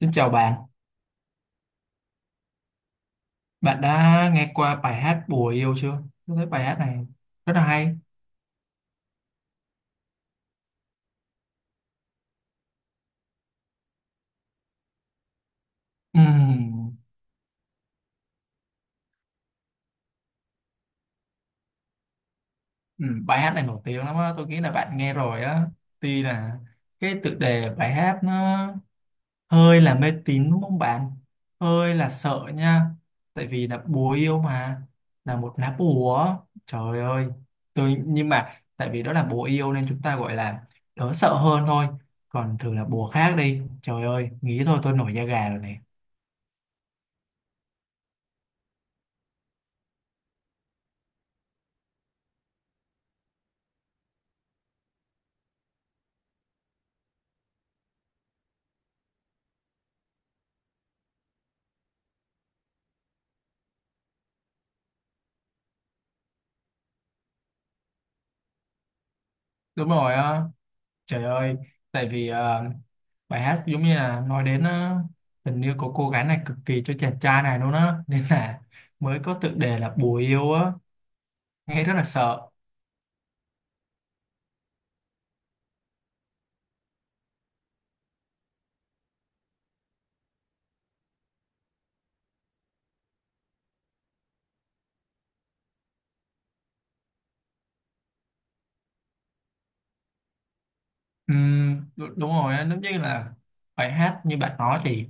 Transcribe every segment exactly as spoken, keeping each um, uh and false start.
Xin chào bạn, bạn đã nghe qua bài hát Bùa Yêu chưa? Tôi thấy bài hát này rất là hay. Ừm, ừm, Bài hát này nổi tiếng lắm á, tôi nghĩ là bạn nghe rồi á. Tuy là cái tựa đề bài hát nó hơi là mê tín đúng không bạn? Hơi là sợ nha. Tại vì là bùa yêu mà, là một lá bùa. Trời ơi, tôi nhưng mà tại vì đó là bùa yêu nên chúng ta gọi là đỡ sợ hơn thôi. Còn thử là bùa khác đi. Trời ơi, nghĩ thôi tôi nổi da gà rồi này. Đúng rồi á, trời ơi, tại vì ờ, bài hát giống như là nói đến ờ, tình yêu của cô gái này cực kỳ cho chàng trai này luôn á, nên là mới có tựa đề là Bùa Yêu á, nghe rất là sợ. Ừm, đú- đúng rồi á, giống như là bài hát như bạn nói thì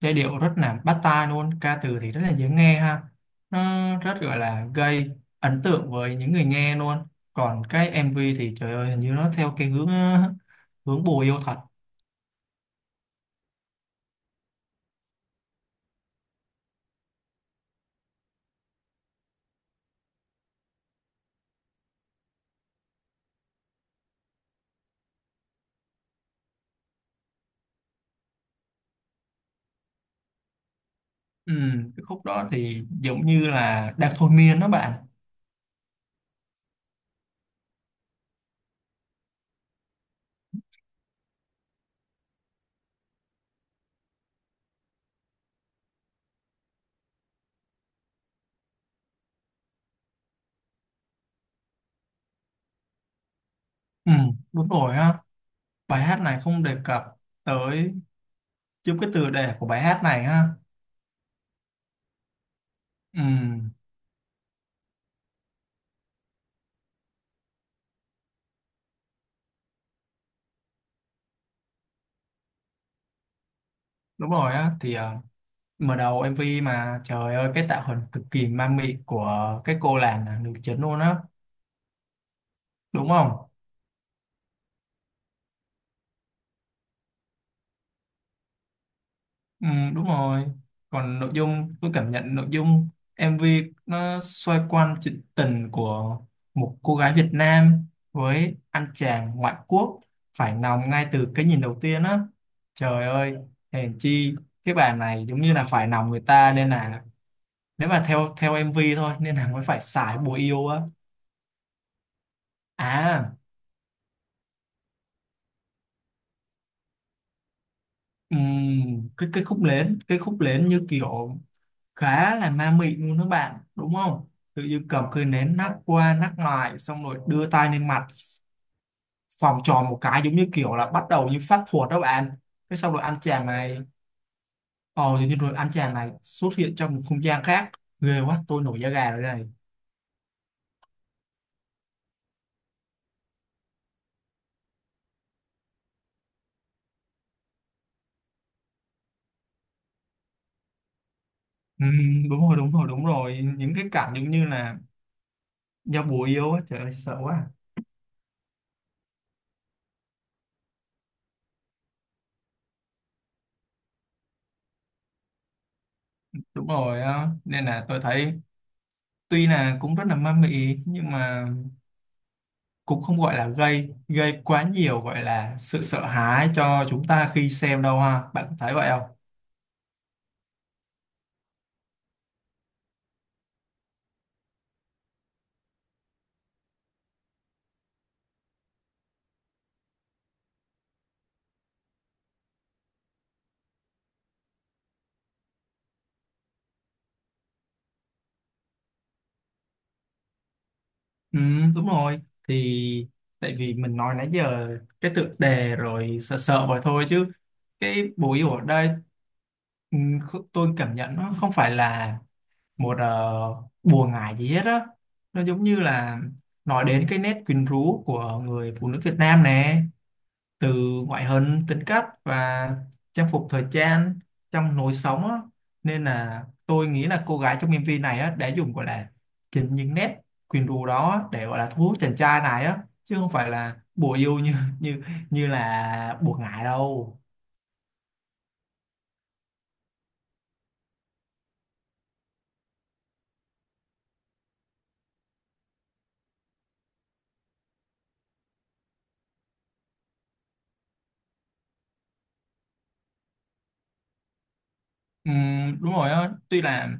giai điệu rất là bắt tai luôn, ca từ thì rất là dễ nghe ha, nó rất gọi là gây ấn tượng với những người nghe luôn. Còn cái em vê thì trời ơi, hình như nó theo cái hướng ờ, hướng bùa yêu thật. Ừ, cái khúc đó thì giống như là đang thôi miên đó bạn. Ừ, đúng rồi ha. Bài hát này không đề cập tới giúp cái tựa đề của bài hát này ha. Ừ, đúng rồi á. Thì ờ, mở đầu em vê mà trời ơi, cái tạo hình cực kỳ ma mị của cái cô làng là nữ chính luôn á, đúng không? Ừ, đúng rồi. Còn nội dung, tôi cảm nhận nội dung em vê nó xoay quanh chuyện tình của một cô gái Việt Nam với anh chàng ngoại quốc, phải lòng ngay từ cái nhìn đầu tiên á. Trời ơi, hèn chi cái bà này giống như là phải lòng người ta, nên là nếu mà theo theo em vê thôi nên là mới phải xài bùa yêu á. À, ừm, cái cái khúc lến, cái khúc lến như kiểu khá là ma mị luôn đó bạn, đúng không? Tự dưng cầm cây nến nắc qua nắc lại, xong rồi đưa tay lên mặt vòng tròn một cái, giống như kiểu là bắt đầu như pháp thuật đó bạn. Cái xong rồi anh chàng này ờ tự như rồi anh chàng này xuất hiện trong một không gian khác. Ghê quá, tôi nổi da gà rồi đây này. Ừ, đúng rồi, đúng rồi, đúng rồi, những cái cảnh giống như là giao bùa yêu á. Trời ơi, sợ quá. Đúng rồi á, nên là tôi thấy tuy là cũng rất là ma mị nhưng mà cũng không gọi là gây gây quá nhiều gọi là sự sợ hãi cho chúng ta khi xem đâu ha, bạn có thấy vậy không? Ừ, đúng rồi. Thì tại vì mình nói nãy giờ cái tựa đề rồi sợ sợ vậy thôi chứ cái bùi yêu ở đây, ừ, kh- tôi cảm nhận nó không phải là một uh, bùa ngải gì hết á. Nó giống như là nói đến cái nét quyến rũ của người phụ nữ Việt Nam nè, từ ngoại hình, tính cách và trang phục thời trang, trong lối sống á. Nên là tôi nghĩ là cô gái trong em vê này á, đã dùng gọi là chính những nét quyến rũ đó á, để gọi là thu hút chàng trai này á, chứ không phải là bùa yêu như như như là bùa ngải đâu. Ừm, đúng rồi á, tuy là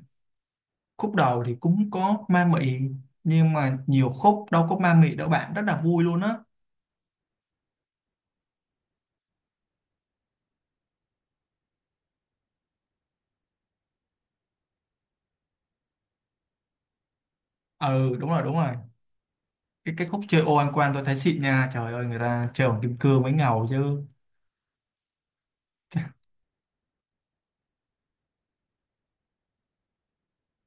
khúc đầu thì cũng có ma mị nhưng mà nhiều khúc đâu có ma mị đâu bạn, rất là vui luôn á. Ừ, đúng rồi, đúng rồi, cái cái khúc chơi ô ăn quan tôi thấy xịn nha. Trời ơi, người ta chơi bằng kim cương mới ngầu chứ.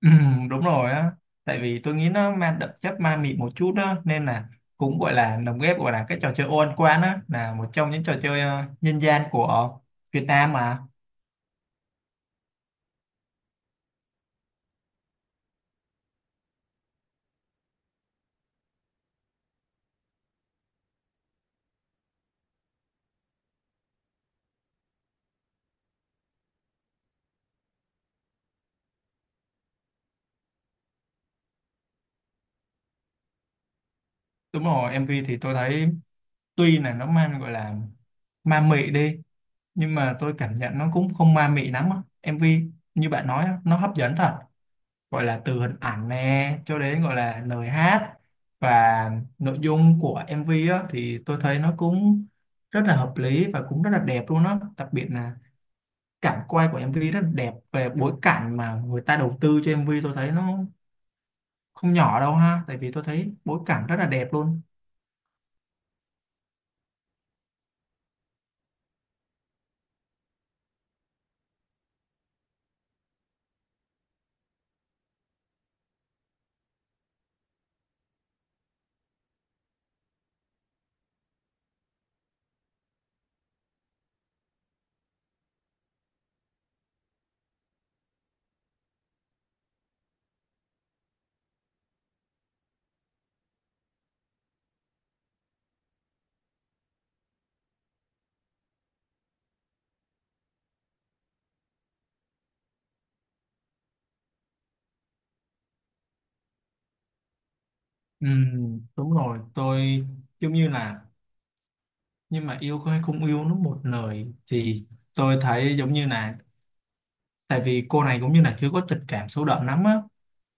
Ừ, đúng rồi á, tại vì tôi nghĩ nó mang đậm chất ma mị một chút đó nên là cũng gọi là lồng ghép gọi là cái trò chơi ô ăn quan á, là một trong những trò chơi ờ, nhân gian của Việt Nam mà. Đúng rồi, em vê thì tôi thấy tuy là nó mang gọi là ma mị đi nhưng mà tôi cảm nhận nó cũng không ma mị lắm á. em vê như bạn nói á, nó hấp dẫn thật, gọi là từ hình ảnh nè cho đến gọi là lời hát và nội dung của em vê á, thì tôi thấy nó cũng rất là hợp lý và cũng rất là đẹp luôn á, đặc biệt là cảnh quay của em vê rất là đẹp. Về bối cảnh mà người ta đầu tư cho em vê, tôi thấy nó không nhỏ đâu ha, tại vì tôi thấy bối cảnh rất là đẹp luôn. Ừ, đúng rồi, tôi giống như là, nhưng mà yêu hay không yêu nó một lời, thì tôi thấy giống như là, tại vì cô này cũng như là chưa có tình cảm sâu đậm lắm á,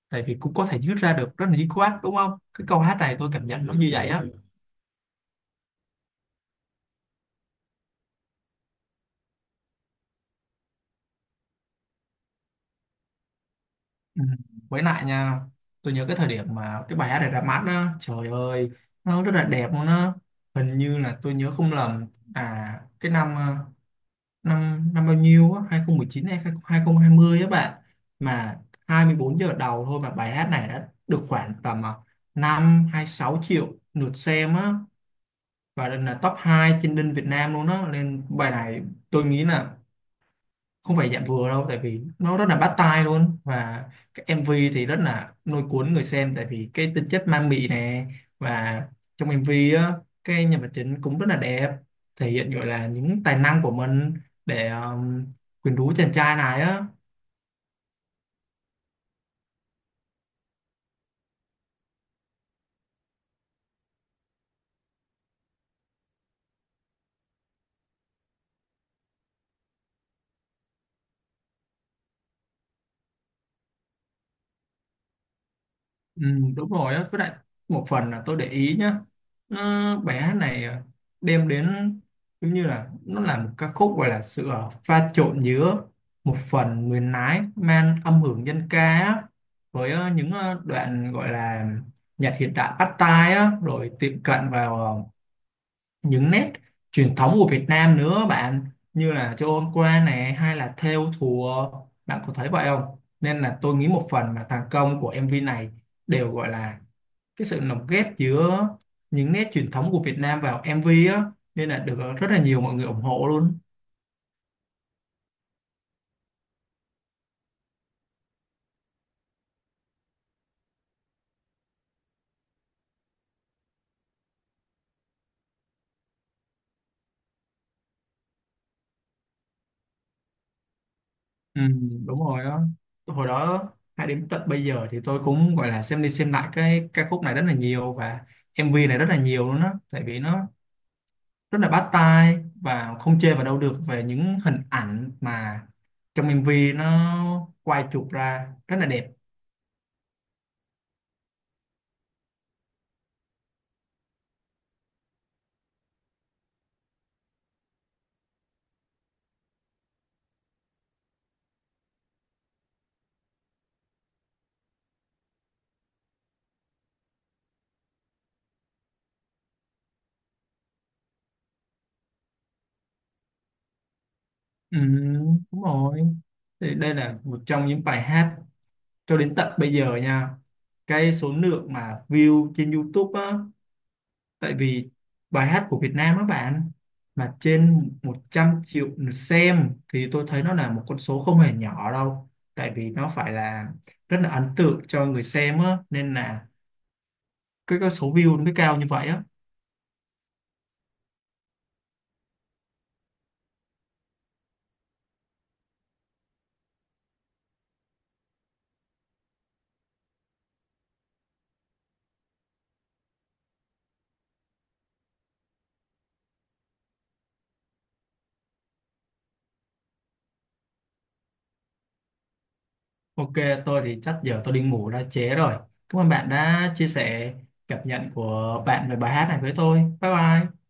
tại vì cũng có thể rút ra được rất là dứt quát đúng không, cái câu hát này tôi cảm nhận nó như vậy á. Ừ. Với lại nha, tôi nhớ cái thời điểm mà cái bài hát này ra mắt á, trời ơi, nó rất là đẹp luôn á. Hình như là tôi nhớ không lầm à, cái năm ờ, năm năm bao nhiêu á, hai không một chín hay hai không hai không á bạn, mà hai mươi bốn giờ đầu thôi mà bài hát này đã được khoảng tầm ờ, năm hay sáu triệu lượt xem á, và là top hai trên đinh Việt Nam luôn á. Nên bài này tôi nghĩ là không phải dạng vừa đâu, tại vì nó rất là bắt tai luôn và cái em vê thì rất là lôi cuốn người xem, tại vì cái tính chất ma mị nè. Và trong em vê á, cái nhân vật chính cũng rất là đẹp, thể hiện gọi là những tài năng của mình để um, quyến rũ chàng trai này á. Ừ, đúng rồi á. Với lại một phần là tôi để ý nhá, nó, bài hát này à, đem đến giống như là nó là một ca khúc gọi là sự à, pha trộn giữa một phần nguyên lái mang âm hưởng dân ca á, với à, những à, đoạn gọi là nhạc hiện đại bắt tai á, rồi tiệm cận vào à, những nét truyền thống của Việt Nam nữa bạn, như là Châu Ôn Qua này hay là Thêu Thùa. Bạn có thấy vậy không? Nên là tôi nghĩ một phần mà thành công của em vê này đều gọi là cái sự lồng ghép giữa những nét truyền thống của Việt Nam vào em vê á, nên là được rất là nhiều mọi người ủng hộ luôn. Ừ, đúng rồi á. Hồi đó hay đến tận bây giờ thì tôi cũng gọi là xem đi xem lại cái ca khúc này rất là nhiều và em vê này rất là nhiều luôn á, tại vì nó rất là bắt tai và không chê vào đâu được về những hình ảnh mà trong em vê nó quay chụp ra rất là đẹp. Ừ, đúng rồi. Thì đây là một trong những bài hát cho đến tận bây giờ nha, cái số lượng mà view trên YouTube á, tại vì bài hát của Việt Nam á bạn mà trên một trăm triệu lượt xem thì tôi thấy nó là một con số không hề nhỏ đâu, tại vì nó phải là rất là ấn tượng cho người xem á, nên là cái, cái số view nó mới cao như vậy á. Ok, tôi thì chắc giờ tôi đi ngủ đã trễ rồi. Cảm ơn bạn đã chia sẻ cảm nhận của bạn về bài hát này với tôi. Bye bye.